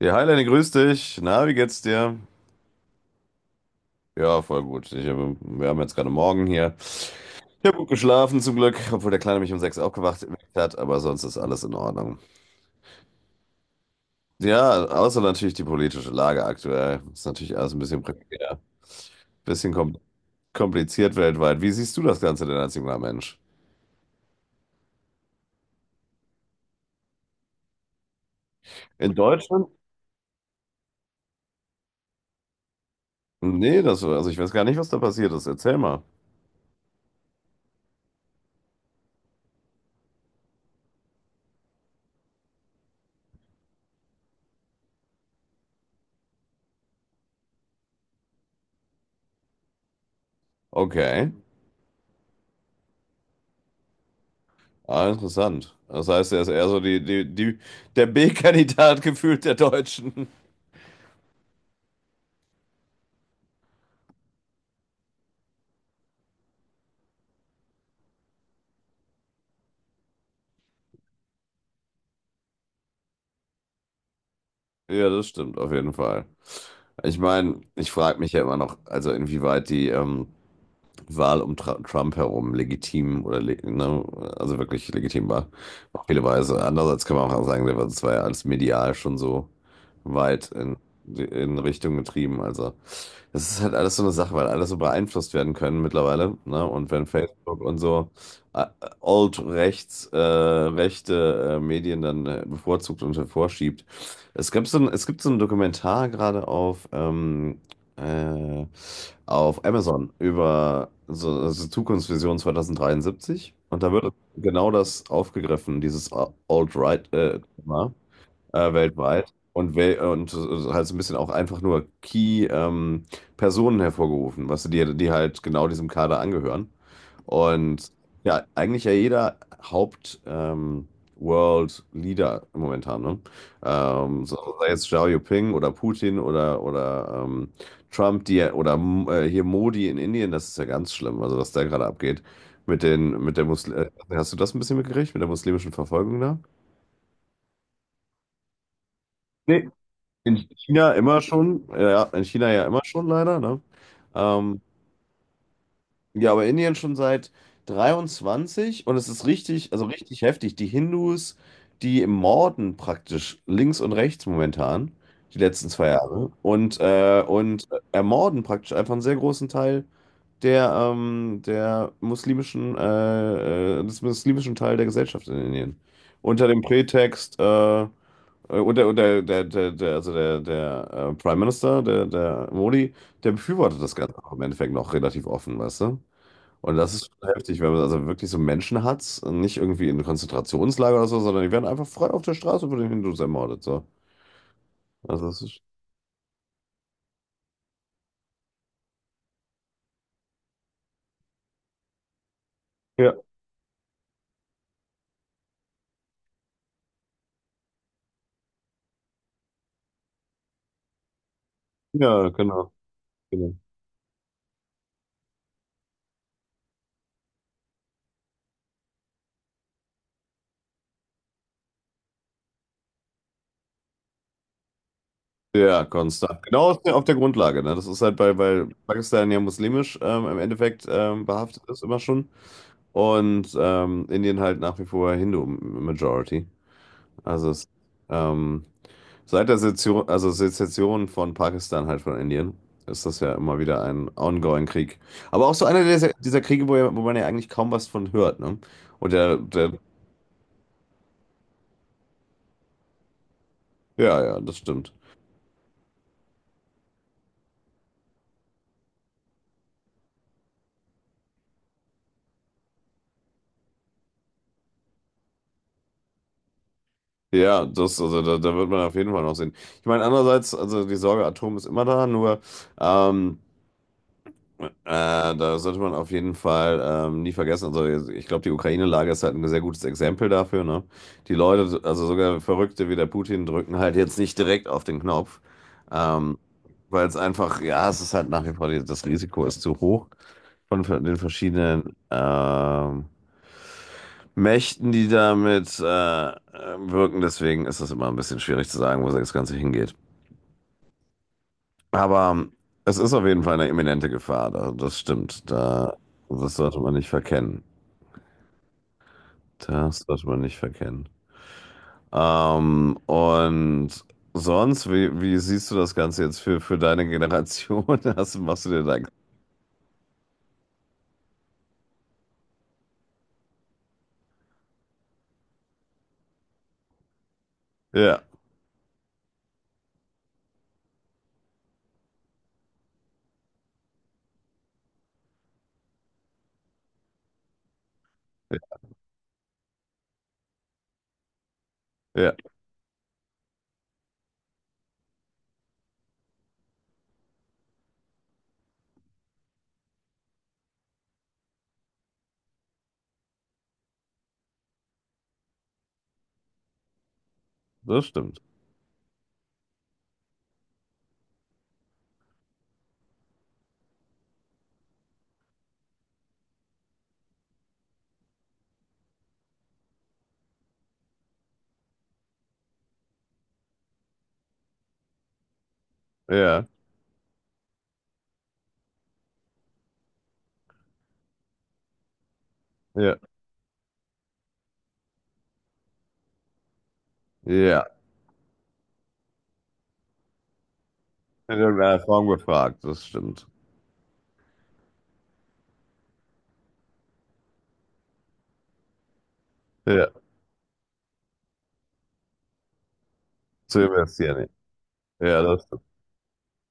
Ja, hi Lenny, grüß dich. Na, wie geht's dir? Ja, voll gut. Wir haben jetzt gerade Morgen hier. Ich habe gut geschlafen zum Glück, obwohl der Kleine mich um sechs aufgewacht geweckt hat, aber sonst ist alles in Ordnung. Ja, außer natürlich die politische Lage aktuell. Ist natürlich alles ein bisschen prekär, bisschen kompliziert weltweit. Wie siehst du das Ganze denn als junger Mensch? In Deutschland? Nee, also ich weiß gar nicht, was da passiert ist. Erzähl mal. Okay. Ah, interessant. Das heißt, er ist eher so der B-Kandidat gefühlt der Deutschen. Ja, das stimmt auf jeden Fall. Ich meine, ich frage mich ja immer noch, also inwieweit die Wahl um Tra Trump herum legitim oder le ne, also wirklich legitim war, auf viele Weise. Andererseits kann man auch sagen, das war ja alles medial schon so weit in Richtung getrieben. Also das ist halt alles so eine Sache, weil alles so beeinflusst werden können mittlerweile. Ne? Und wenn Facebook und so äh, rechte Medien dann bevorzugt und hervorschiebt. Es gibt so ein Dokumentar gerade äh, auf Amazon über so, also Zukunftsvision 2073. Und da wird genau das aufgegriffen, dieses Alt-Right-Thema weltweit und halt so ein bisschen auch einfach nur Key-Personen hervorgerufen, was die halt genau diesem Kader angehören. Und ja, eigentlich ja jeder World Leader momentan, ne? So, sei jetzt Xiao Jinping oder Putin oder Trump, hier Modi in Indien. Das ist ja ganz schlimm, also was da gerade abgeht. Mit den, mit der Muslim, Hast du das ein bisschen mitgekriegt, mit der muslimischen Verfolgung da? Nee, in China ja immer schon leider, ne? Ähm, ja, aber Indien schon seit 23, und es ist richtig, also richtig heftig. Die Hindus, die morden praktisch links und rechts momentan, die letzten 2 Jahre, und ermorden praktisch einfach einen sehr großen Teil des muslimischen Teil der Gesellschaft in Indien. Unter dem Prätext, äh, äh, unter der Prime Minister, der Modi, der befürwortet das Ganze auch im Endeffekt noch relativ offen, weißt du? Und das ist schon heftig, wenn man also wirklich so Menschen hat, nicht irgendwie in Konzentrationslager oder so, sondern die werden einfach frei auf der Straße von den Hindus ermordet, so. Also das ist, ja, ja, genau. Ja, konstant. Genau auf der Grundlage. Ne? Das ist halt, weil Pakistan ja muslimisch im Endeffekt behaftet ist, immer schon. Und Indien halt nach wie vor Hindu-Majority. Also ähm, seit der Sezession, also Sezession von Pakistan halt von Indien, ist das ja immer wieder ein ongoing Krieg. Aber auch so einer dieser Kriege, wo, ja, wo man ja eigentlich kaum was von hört. Ne? Und der, der, ja, ja, das stimmt. Ja, also da wird man auf jeden Fall noch sehen. Ich meine, andererseits, also die Sorge Atom ist immer da, nur ähm, äh, da sollte man auf jeden Fall nie vergessen. Also ich glaube, die Ukraine-Lage ist halt ein sehr gutes Exempel dafür, ne? Die Leute, also sogar Verrückte wie der Putin, drücken halt jetzt nicht direkt auf den Knopf, ähm, weil es ist halt nach wie vor, das Risiko ist zu hoch von den verschiedenen Mächten, die damit wirken. Deswegen ist es immer ein bisschen schwierig zu sagen, wo das Ganze hingeht. Aber es ist auf jeden Fall eine imminente Gefahr. Da, das stimmt. Da, das sollte man nicht verkennen. Das sollte man nicht verkennen. Und sonst, wie siehst du das Ganze jetzt für deine Generation? Machst du dir da... Ja, ja, ja, das stimmt. Ja, ja, ja. In irgendeiner Form gefragt, das stimmt. Ja, zu investieren. Ja, das...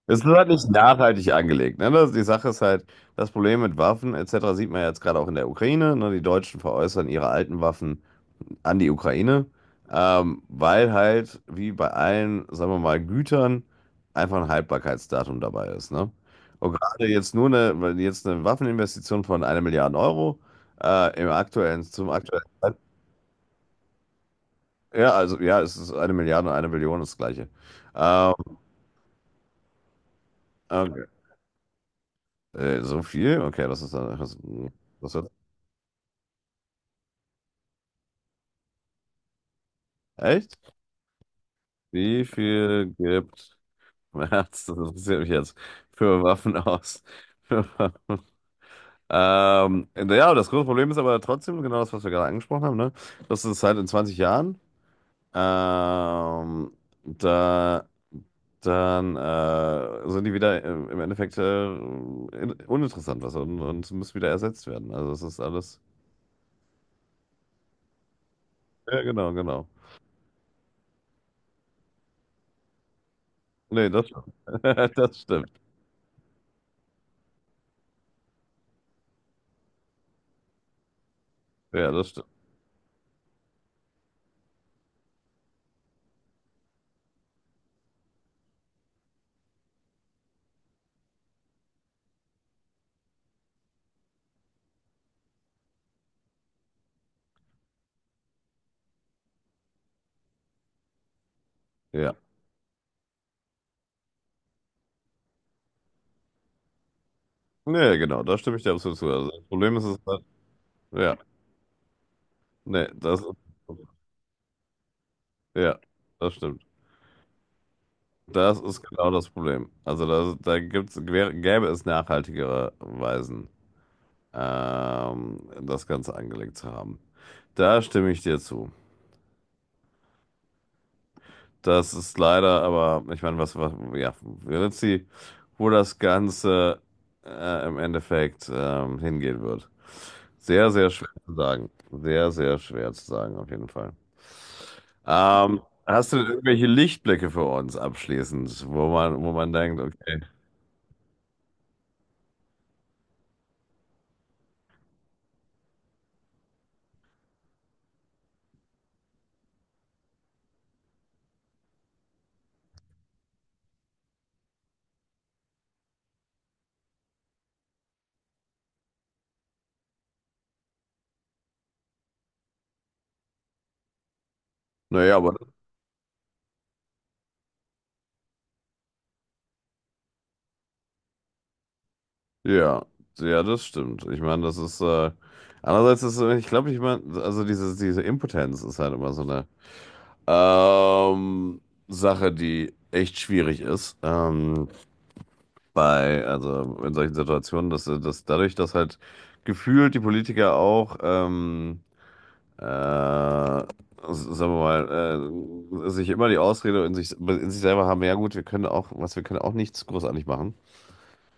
Es ist nur halt nicht nachhaltig angelegt. Ne? Die Sache ist halt, das Problem mit Waffen etc. sieht man ja jetzt gerade auch in der Ukraine. Ne? Die Deutschen veräußern ihre alten Waffen an die Ukraine, weil halt, wie bei allen, sagen wir mal, Gütern, einfach ein Haltbarkeitsdatum dabei ist. Ne? Und gerade jetzt nur eine, weil jetzt eine Waffeninvestition von einer Milliarde Euro zum aktuellen Zeitpunkt. Ja, also ja, es ist eine Milliarde, und eine Billion ist das Gleiche. Ähm, okay. So viel? Okay, das ist dann. Das wird... Echt? Wie viel gibt März, das interessiert mich jetzt, für Waffen aus? Für Waffen. Ja, das große Problem ist aber trotzdem genau das, was wir gerade angesprochen haben, ne? Das ist halt in 20 Jahren. Ähm, da, dann sind die wieder im Endeffekt uninteressant was, und müssen wieder ersetzt werden. Also es ist alles... Ja, genau, genau. Nee, das stimmt. Ja, das stimmt. Ja. Nee, genau, da stimme ich dir absolut zu. Also das Problem ist es halt, ja, nee, das ist, ja, das stimmt. Das ist genau das Problem. Also da gäbe es nachhaltigere Weisen, das Ganze angelegt zu haben. Da stimme ich dir zu. Das ist leider, aber ich meine, ja, wird sie, wo das Ganze im Endeffekt hingehen wird. Sehr, sehr schwer zu sagen. Sehr, sehr schwer zu sagen, auf jeden Fall. Hast du denn irgendwelche Lichtblicke für uns abschließend, wo man, denkt, okay, naja, aber ja, ja, das stimmt. Ich meine, andererseits ist, ich glaube, ich meine, also diese Impotenz ist halt immer so eine ähm, Sache, die echt schwierig ist, also in solchen Situationen, dass, dadurch, dass halt gefühlt die Politiker auch sagen wir mal, sich immer die Ausrede in sich selber haben, ja gut, was wir können auch nichts großartig machen.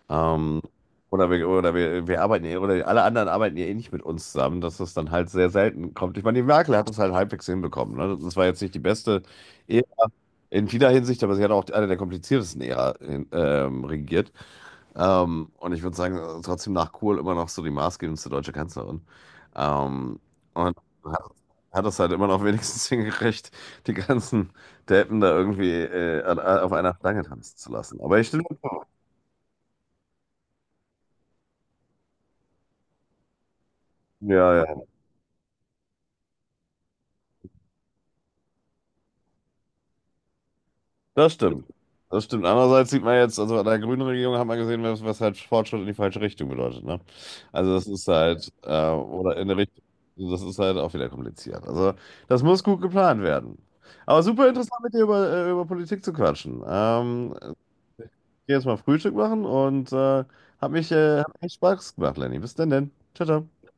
Ähm, oder wir arbeiten ja, oder alle anderen arbeiten ja eh nicht mit uns zusammen, dass das dann halt sehr selten kommt. Ich meine, die Merkel hat das halt halbwegs hinbekommen. Ne? Das war jetzt nicht die beste Ära in vieler Hinsicht, aber sie hat auch eine der kompliziertesten Ära regiert. Und ich würde sagen, trotzdem nach Kohl immer noch so die maßgebendste deutsche Kanzlerin. Ähm, und hat, hat das halt immer noch wenigstens hingekriegt, die ganzen Deppen da irgendwie auf einer Stange tanzen zu lassen. Aber ich stimme, ja, ja. Das stimmt. Das stimmt. Andererseits sieht man jetzt, also an der grünen Regierung hat man gesehen, was, halt Fortschritt in die falsche Richtung bedeutet. Ne? Also das ist halt, oder in der Richtung, also das ist halt auch wieder kompliziert. Also das muss gut geplant werden. Aber super interessant, mit dir über Politik zu quatschen. Ich geh jetzt mal Frühstück machen, und hat echt Spaß gemacht, Lenny. Bis denn. Ciao, ciao.